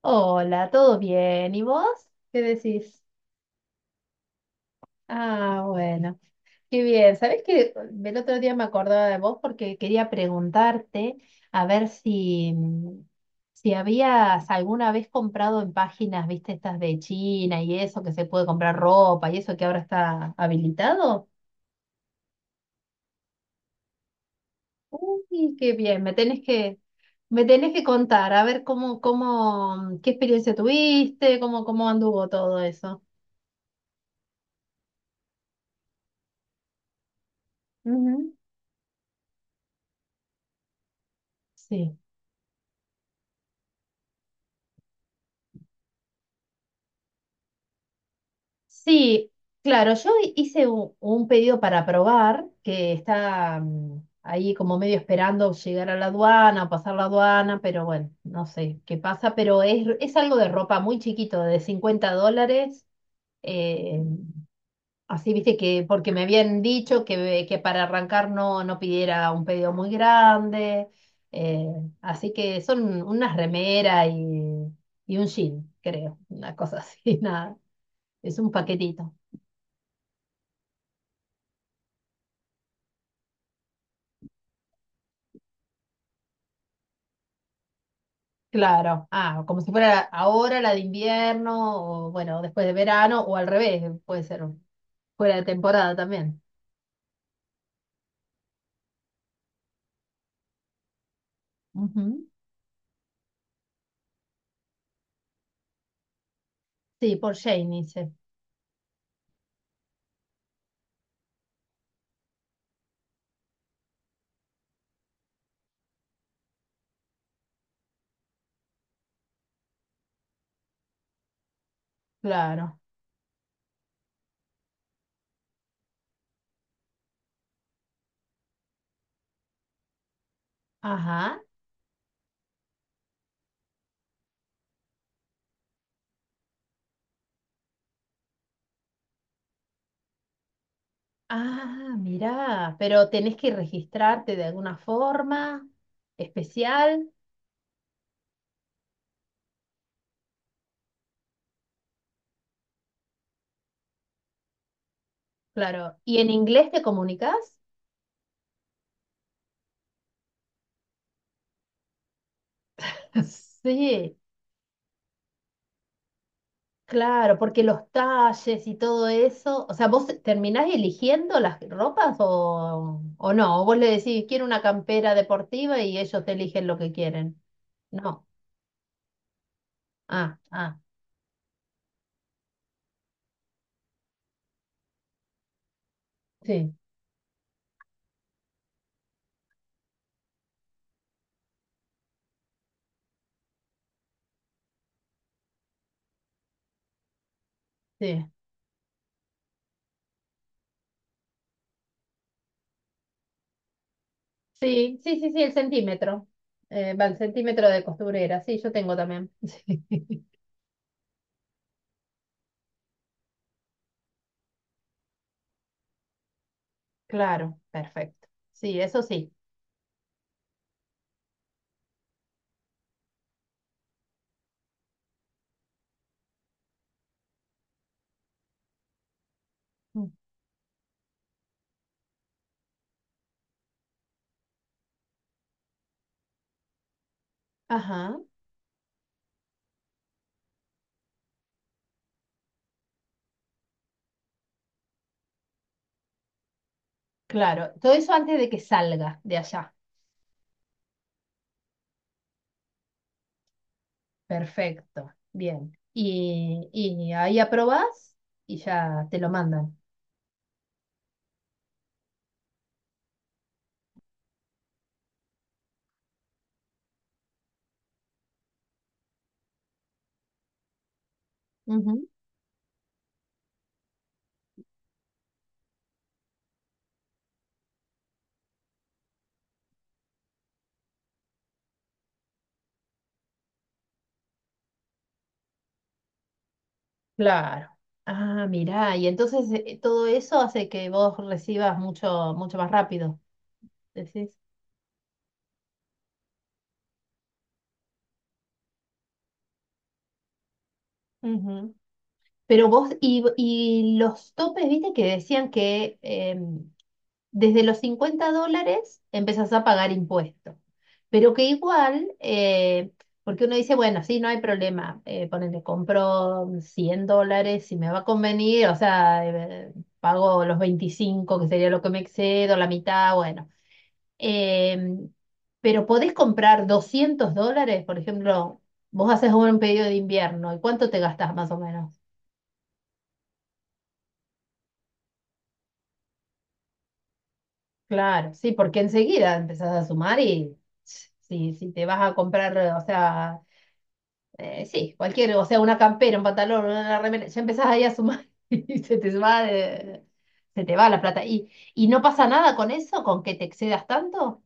Hola, ¿todo bien? ¿Y vos? ¿Qué decís? Ah, bueno, qué bien. ¿Sabés que el otro día me acordaba de vos porque quería preguntarte a ver si habías alguna vez comprado en páginas, viste, estas de China y eso, que se puede comprar ropa y eso que ahora está habilitado? Uy, qué bien, me tenés que contar, a ver qué experiencia tuviste, cómo anduvo todo eso. Ujú. Sí. Sí, claro, yo hice un pedido para probar que está ahí como medio esperando llegar a la aduana, pasar la aduana, pero bueno, no sé qué pasa, pero es algo de ropa muy chiquito, de 50 dólares. eh, Así viste que, porque me habían dicho que para arrancar no pidiera un pedido muy grande, eh, así que son unas remeras y un jean, creo, una cosa así, nada, es un paquetito. Claro, ah, como si fuera ahora la de invierno, o bueno, después de verano, o al revés, puede ser fuera de temporada también. Ujú. Sí, por Shane dice, claro. Ajá. Ah, mirá, pero tenés que registrarte de alguna forma especial, claro. ¿Y en inglés te comunicas? Sí, claro, porque los talles y todo eso, o sea, ¿vos terminás eligiendo las ropas o no? ¿O vos le decís, quiero una campera deportiva y ellos te eligen lo que quieren? No. Ah, ah, sí, sí. Sí, sí, sí, sí, el centímetro. Va el centímetro de costurera, sí, yo tengo también. Sí. Claro, perfecto. Sí, eso sí. Mm. Ajá, claro. Todo eso antes de que salga de allá. Perfecto, bien. Y ahí aprobás y ya te lo mandan. Ujú. Claro. Ah, mirá, y entonces todo eso hace que vos recibas mucho, mucho más rápido, decís. Ujú. Pero vos, y los topes, viste que decían que desde los 50 dólares empezás a pagar impuestos. Pero que igual, porque uno dice, bueno, sí, no hay problema, ponele, compro 100 dólares si me va a convenir, o sea, pago los 25 que sería lo que me excedo, la mitad, bueno. Eh, pero podés comprar 200 dólares, por ejemplo, vos haces un pedido de invierno, ¿y cuánto te gastás más o menos? Claro, sí, porque enseguida empezás a sumar y si te vas a comprar, o sea, sí, cualquier, o sea, una campera, un pantalón, una remera, ya empezás ahí a sumar y se te va la plata. ¿Y no pasa nada con eso, con que te excedas tanto?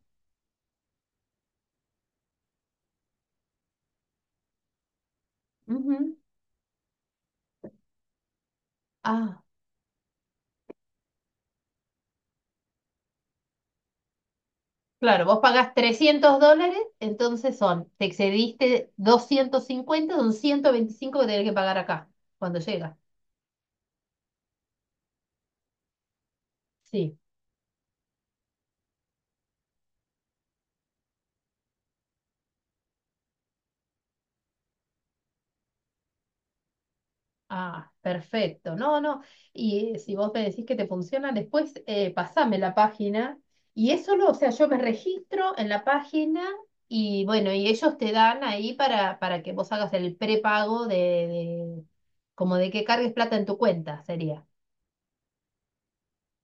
Ujú. Ah, claro, vos pagás 300 dólares, entonces son, te excediste 250, son 125 que tenés que pagar acá cuando llega. Sí. Ah, perfecto. No, no. Y si vos me decís que te funciona, después pasame la página. Y es solo, o sea, yo me registro en la página y bueno, y ellos te dan ahí para, que vos hagas el prepago como de que cargues plata en tu cuenta, sería.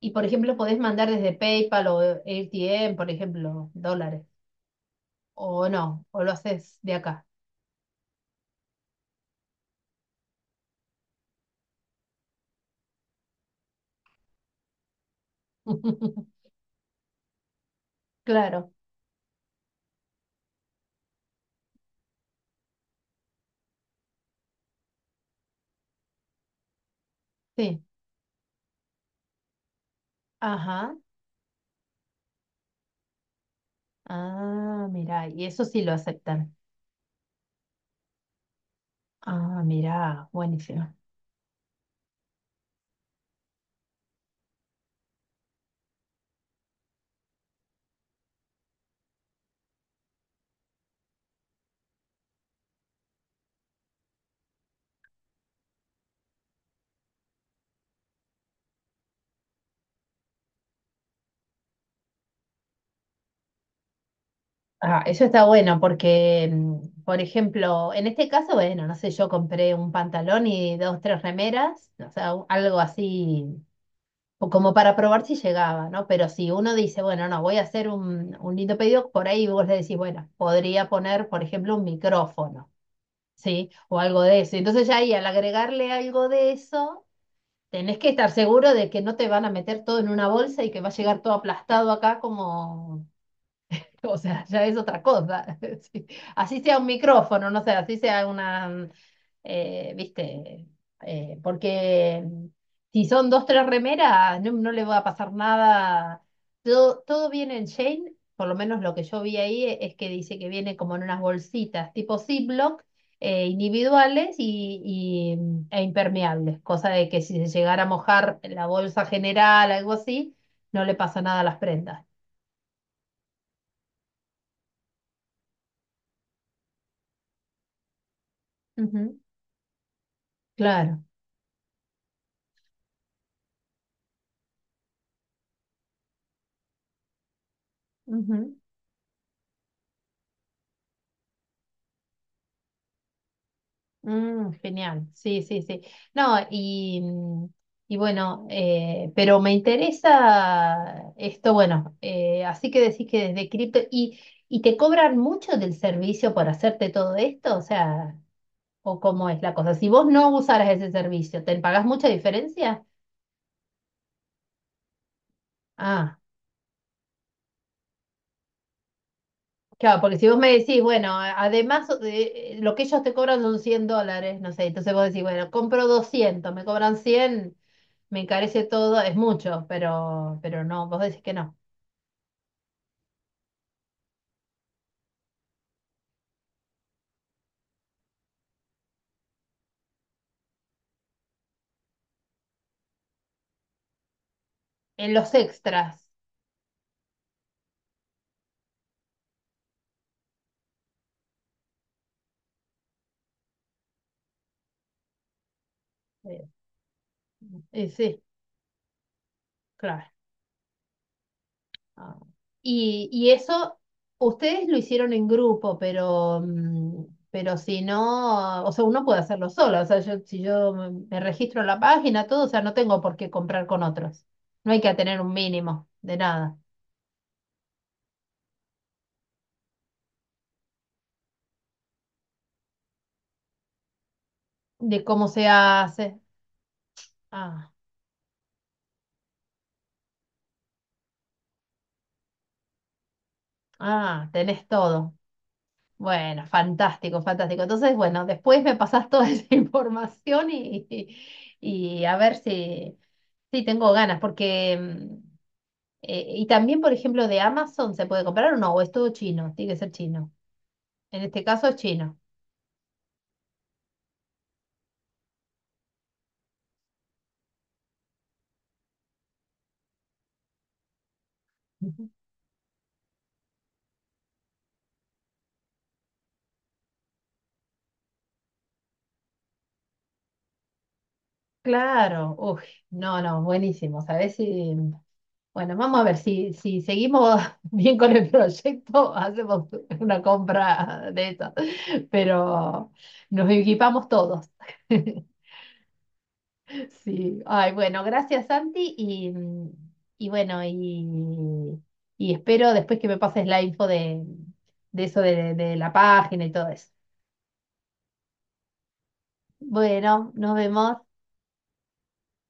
Y por ejemplo, podés mandar desde PayPal o AirTM, por ejemplo, dólares. O no, o lo haces de acá. Claro, sí. Ajá. Ah, mira, y eso sí lo aceptan. Ah, mirá, buenísimo. Ah, eso está bueno porque, por ejemplo, en este caso, bueno, no sé, yo compré un pantalón y dos, tres remeras, o sea, algo así o como para probar si llegaba, ¿no? Pero si uno dice, bueno, no, voy a hacer un lindo pedido, por ahí vos le decís, bueno, podría poner, por ejemplo, un micrófono, ¿sí? O algo de eso. Entonces ya ahí al agregarle algo de eso, tenés que estar seguro de que no te van a meter todo en una bolsa y que va a llegar todo aplastado acá como O sea, ya es otra cosa. Sí. Así sea un micrófono, no sé, así sea una, viste, porque si son dos, tres remeras, no le va a pasar nada. Todo, todo viene en Shane, por lo menos lo que yo vi ahí es que dice que viene como en unas bolsitas tipo Ziploc, individuales e impermeables, cosa de que si se llegara a mojar la bolsa general, algo así, no le pasa nada a las prendas. Ujú, claro. Ujú. Genial, sí, sí, sí. No, y, y bueno, pero me interesa esto, bueno, así que decís que desde cripto, ¿y te cobran mucho del servicio por hacerte todo esto? O sea, ¿o cómo es la cosa? Si vos no usaras ese servicio, ¿te pagás mucha diferencia? Ah, claro, porque si vos me decís, bueno, además lo que ellos te cobran son 100 dólares, no sé, entonces vos decís, bueno, compro 200, me cobran 100, me encarece todo, es mucho, pero no, vos decís que no. En los extras. eh, y sí, claro. Ah. Y eso, ustedes lo hicieron en grupo, pero si no, o sea, uno puede hacerlo solo. O sea, yo, si yo me registro en la página, todo, o sea, no tengo por qué comprar con otros. No hay que tener un mínimo de nada, de cómo se hace. Ah, ah, tenés todo. Bueno, fantástico, fantástico. Entonces, bueno, después me pasas toda esa información y a ver si, tengo ganas, y también, por ejemplo, de Amazon se puede comprar o no, o es todo chino, tiene que ser chino. En este caso es chino. Ujú. Claro, uy, no, no, buenísimo. Sabes si... Bueno, vamos a ver si seguimos bien con el proyecto, hacemos una compra de esas, pero nos equipamos todos. Sí, ay, bueno, gracias Santi y bueno, y espero después que me pases la info de eso de la página y todo eso. Bueno, nos vemos.